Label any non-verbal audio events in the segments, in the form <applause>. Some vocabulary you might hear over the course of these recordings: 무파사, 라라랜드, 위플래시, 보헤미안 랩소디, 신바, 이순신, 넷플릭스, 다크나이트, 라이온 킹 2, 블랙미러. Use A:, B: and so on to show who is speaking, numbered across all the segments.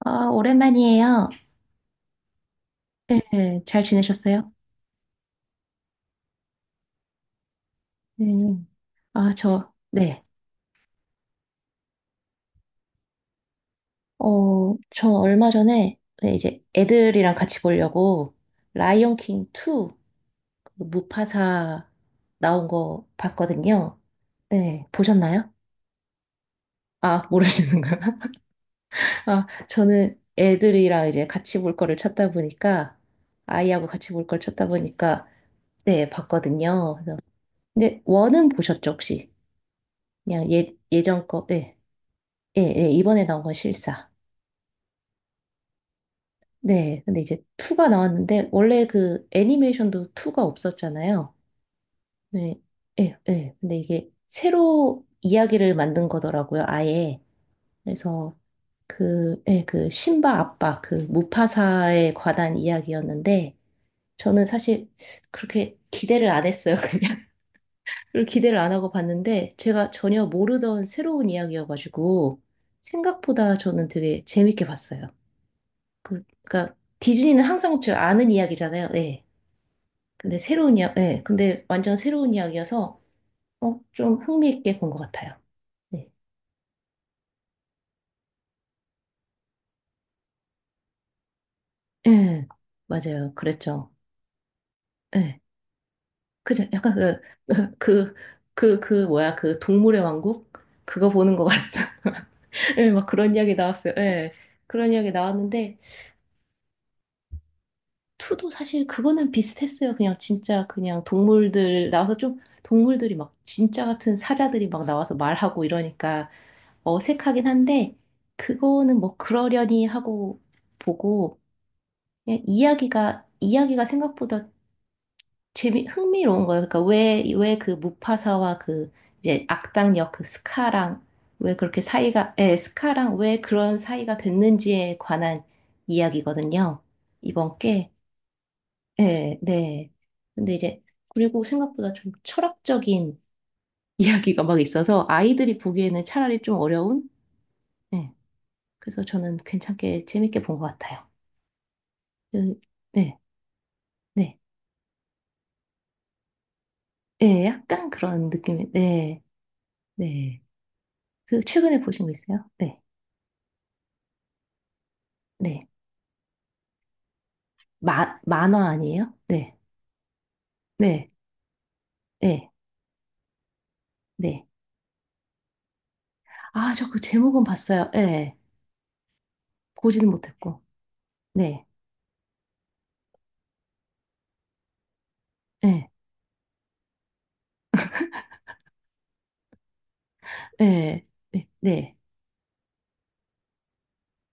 A: 아, 오랜만이에요. 네, 잘 지내셨어요? 네. 아, 저, 네. 어, 전 얼마 전에, 네, 이제 애들이랑 같이 보려고 라이온 킹 2, 그 무파사 나온 거 봤거든요. 네, 보셨나요? 아, 모르시는가요? <laughs> 아, 저는 애들이랑 이제 같이 볼 거를 찾다 보니까, 아이하고 같이 볼 걸 찾다 보니까, 네, 봤거든요. 그래서 근데 원은 보셨죠, 혹시? 그냥 예, 예전 거, 네. 예, 예, 이번에 나온 건 실사. 네, 근데 이제 투가 나왔는데, 원래 그 애니메이션도 투가 없었잖아요. 네, 예, 예. 근데 이게 새로 이야기를 만든 거더라고요, 아예. 그래서 그, 예, 그 신바 아빠, 그 무파사에 관한 이야기였는데, 저는 사실 그렇게 기대를 안 했어요, 그냥. <laughs> 그리고 기대를 안 하고 봤는데, 제가 전혀 모르던 새로운 이야기여가지고, 생각보다 저는 되게 재밌게 봤어요. 그, 그러니까 디즈니는 항상 저 아는 이야기잖아요. 예. 근데 새로운 이야, 예. 근데 완전 새로운 이야기여서 좀 흥미있게 본 것 같아요. 네. 예. 맞아요. 그랬죠. 예. 그죠. 약간 그, <laughs> 그, 그 뭐야 그 동물의 왕국 그거 보는 것 같아. <laughs> 예, 막 그런 이야기 나왔어요. 예. 그런 이야기 나왔는데, 투도 사실 그거는 비슷했어요. 그냥 진짜 그냥 동물들 나와서, 좀 동물들이 막 진짜 같은 사자들이 막 나와서 말하고 이러니까 어색하긴 한데, 그거는 뭐 그러려니 하고 보고, 그냥 이야기가 생각보다 재미, 흥미로운 거예요. 그러니까 왜 그 무파사와 그 이제 악당 역그 스카랑 왜 그렇게 사이가, 예, 스카랑 왜 그런 사이가 됐는지에 관한 이야기거든요. 이번 게. 예, 네. 근데 이제, 그리고 생각보다 좀 철학적인 <laughs> 이야기가 막 있어서 아이들이 보기에는 차라리 좀 어려운? 예. 그래서 저는 괜찮게 재밌게 본 것 같아요. 그, 네, 네, 네, 약간 그런 느낌이, 네, 네. 그 최근에 보신 거 있어요? 네, 네. 마, 만화 아니에요? 네, 네, 네, 네. 아, 저 그 제목은 봤어요. 네, 보지는 못했고, 네, 네, 네, 네, 네.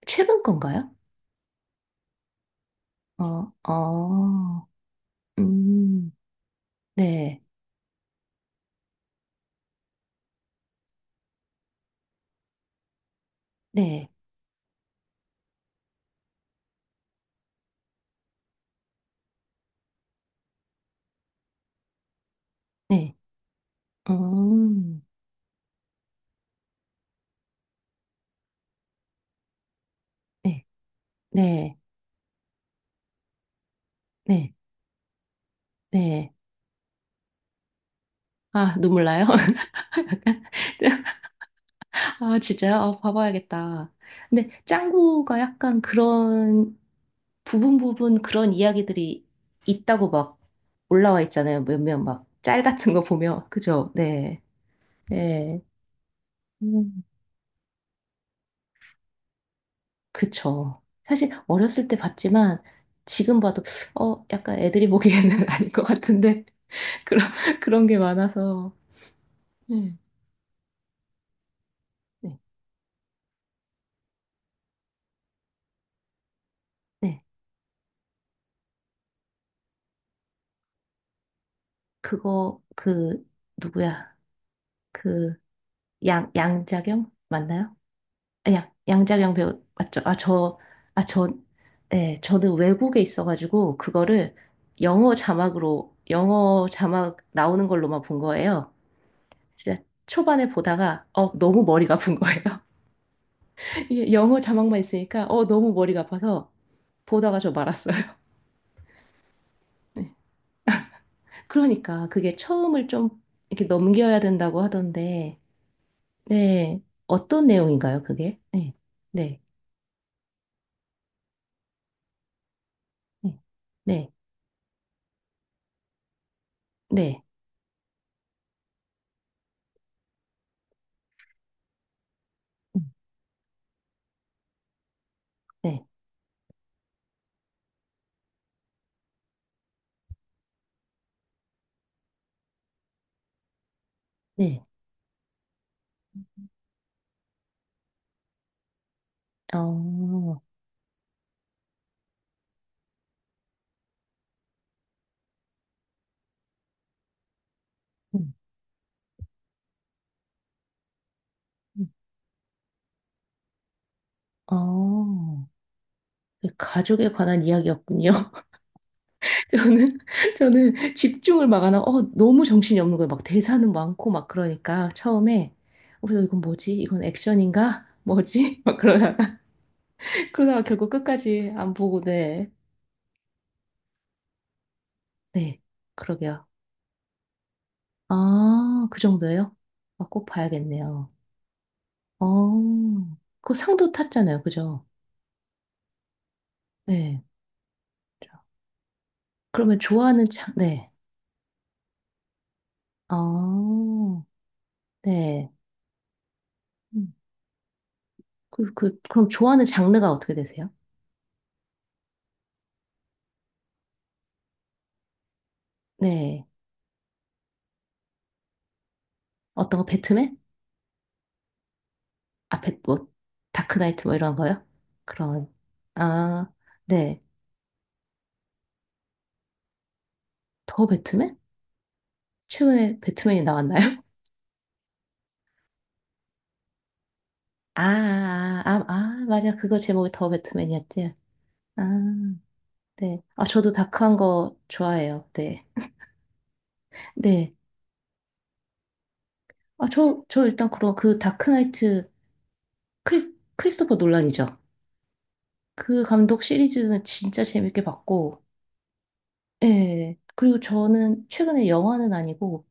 A: 최근 건가요? 어, 어, 음, 네, 네, 네, 음, 네, 네, 네, 네. 아, 눈물 나요? <laughs> <laughs> 아, 진짜요? 아, 봐봐야겠다. 근데 짱구가 약간 그런 부분 부분 그런 이야기들이 있다고 막 올라와 있잖아요. 몇몇 막 짤 같은 거 보면. 그죠? 네. 네. 음, 그쵸. 사실 어렸을 때 봤지만 지금 봐도 약간 애들이 보기에는 <laughs> 아닌 것 같은데 그런 그런 게 많아서. 네. 네. 네. 그거 그 누구야? 그 양자경 맞나요? 아, 양자경 배우 맞죠? 아, 저, 아, 저, 네, 저는 외국에 있어가지고 그거를 영어 자막으로, 영어 자막 나오는 걸로만 본 거예요. 진짜 초반에 보다가 너무 머리가 아픈 거예요. <laughs> 이게 영어 자막만 있으니까 너무 머리가 아파서 보다가 저 말았어요. <laughs> 네. 그러니까 그게 처음을 좀 이렇게 넘겨야 된다고 하던데, 네, 어떤 내용인가요 그게? 네, 네, 네, 네, 네, 네, 네. 네. 어. 음, 음. 아, 그 가족에 관한 이야기였군요. <laughs> 저는, 저는 집중을 막 안 하고, 너무 정신이 없는 거예요. 막 대사는 많고, 막 그러니까 처음에, 그래서 이건 뭐지? 이건 액션인가? 뭐지? <laughs> 막 그러다가, <laughs> 그러다가 결국 끝까지 안 보고, 네. 네, 그러게요. 아, 그 정도예요? 아, 꼭 봐야겠네요. 어, 그 상도 탔잖아요. 그죠? 네. 그러면 좋아하는 장, 네. 아, 네. 음. 그럼 좋아하는 장르가 어떻게 되세요? 네. 어떤 거, 배트맨? 아, 배, 뭐, 다크나이트 뭐 이런 거요? 그런, 아, 네. 더 배트맨? 최근에 배트맨이 나왔나요? <laughs> 아, 아, 아, 아, 맞아. 그거 제목이 더 배트맨이었지. 아, 네. 아, 저도 다크한 거 좋아해요. 네. 네. 아, 저, 저 일단 그럼 그 다크나이트, 크리스토퍼 놀란이죠. 그 감독 시리즈는 진짜 재밌게 봤고, 예. 그리고 저는 최근에 영화는 아니고,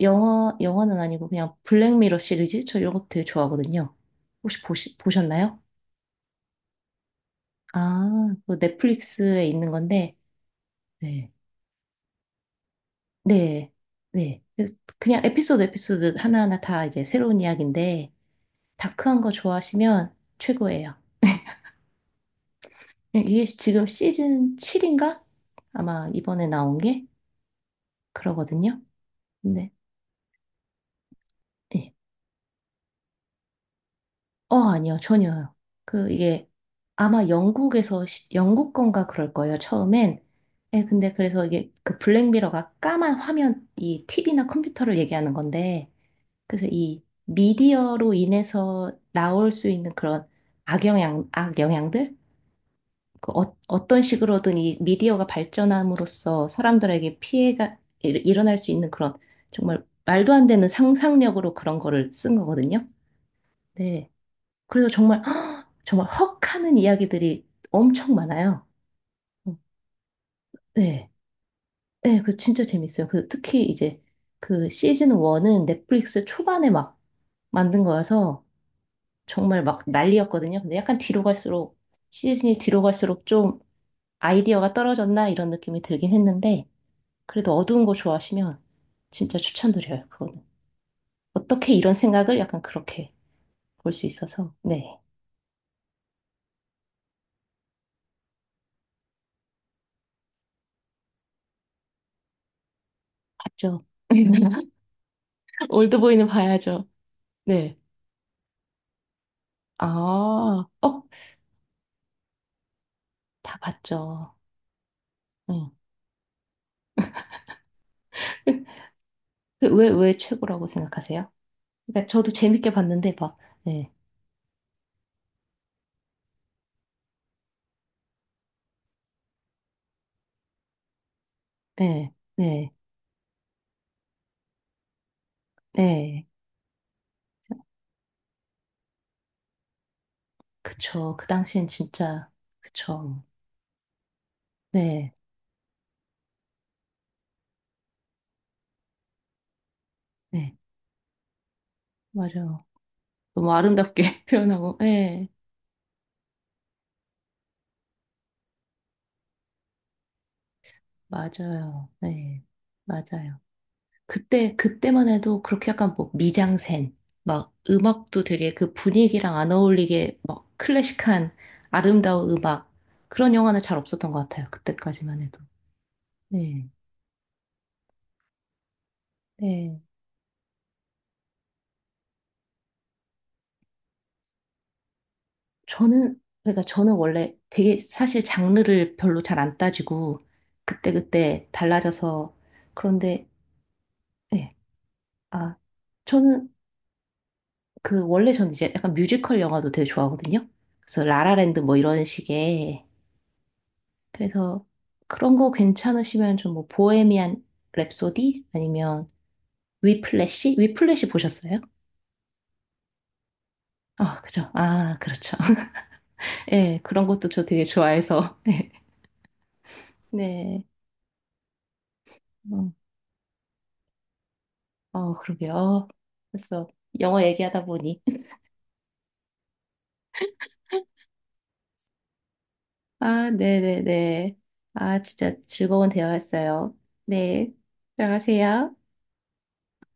A: 영화는 아니고 그냥 블랙미러 시리즈? 저 이런 거 되게 좋아하거든요. 혹시 보셨나요? 아, 그 넷플릭스에 있는 건데, 네. 네. 네. 그래서 그냥 에피소드 에피소드 하나하나 다 이제 새로운 이야기인데, 다크한 거 좋아하시면 최고예요. 이게 지금 시즌 7인가? 아마 이번에 나온 게 그러거든요. 네. 예. 아니요, 전혀요. 그, 이게 아마 영국에서, 시- 영국 건가 그럴 거예요, 처음엔. 예, 근데 그래서 이게 그 블랙미러가 까만 화면, 이 TV나 컴퓨터를 얘기하는 건데, 그래서 이 미디어로 인해서 나올 수 있는 그런 악영향, 악영향들? 그 어떤 식으로든 이 미디어가 발전함으로써 사람들에게 피해가 일- 일어날 수 있는 그런, 정말 말도 안 되는 상상력으로 그런 거를 쓴 거거든요. 네. 그래서 정말 <gasps> 정말 헉 하는 이야기들이 엄청 많아요. 어, 네. 네, 그 진짜 재밌어요. 그 특히 이제 그 시즌 1은 넷플릭스 초반에 막 만든 거여서 정말 막 난리였거든요. 근데 약간 뒤로 갈수록, 시즌이 뒤로 갈수록 좀 아이디어가 떨어졌나 이런 느낌이 들긴 했는데 그래도 어두운 거 좋아하시면 진짜 추천드려요. 그거는. 어떻게 이런 생각을 약간 그렇게 볼 수 있어서. 네. 봤죠. <laughs> 올드보이는 봐야죠. 네. 아, 어, 다 봤죠. 응. <laughs> 그 왜 최고라고 생각하세요? 그러니까 저도 재밌게 봤는데 막, 네, 네, 네, 네. 그쵸. 그 당시엔 진짜, 그쵸. 네, 네, 맞아요. 너무 아름답게 <laughs> 표현하고, 네, 맞아요. 네, 맞아요. 그때만 해도 그렇게 약간 뭐 미장센, 막 음악도 되게 그 분위기랑 안 어울리게 막 클래식한 아름다운 음악, 그런 영화는 잘 없었던 것 같아요. 그때까지만 해도. 네, 네. 그러니까 저는 원래 되게 사실 장르를 별로 잘 안 따지고 그때그때 달라져서. 그런데, 네. 아, 저는, 그 원래 저는 이제 약간 뮤지컬 영화도 되게 좋아하거든요. 그래서 라라랜드 뭐 이런 식의. 그래서 그런 거 괜찮으시면 좀 뭐 보헤미안 랩소디 아니면 위플래시? 위플래시 보셨어요? 아, 그죠. 아, 그렇죠. <laughs> 예, 그런 것도 저 되게 좋아해서. <laughs> 네. 어. 어, 그러게요. 그 벌써 영어 얘기하다 보니. <laughs> 아, 네네네. 아, 진짜 즐거운 대화였어요. 네. 들어가세요.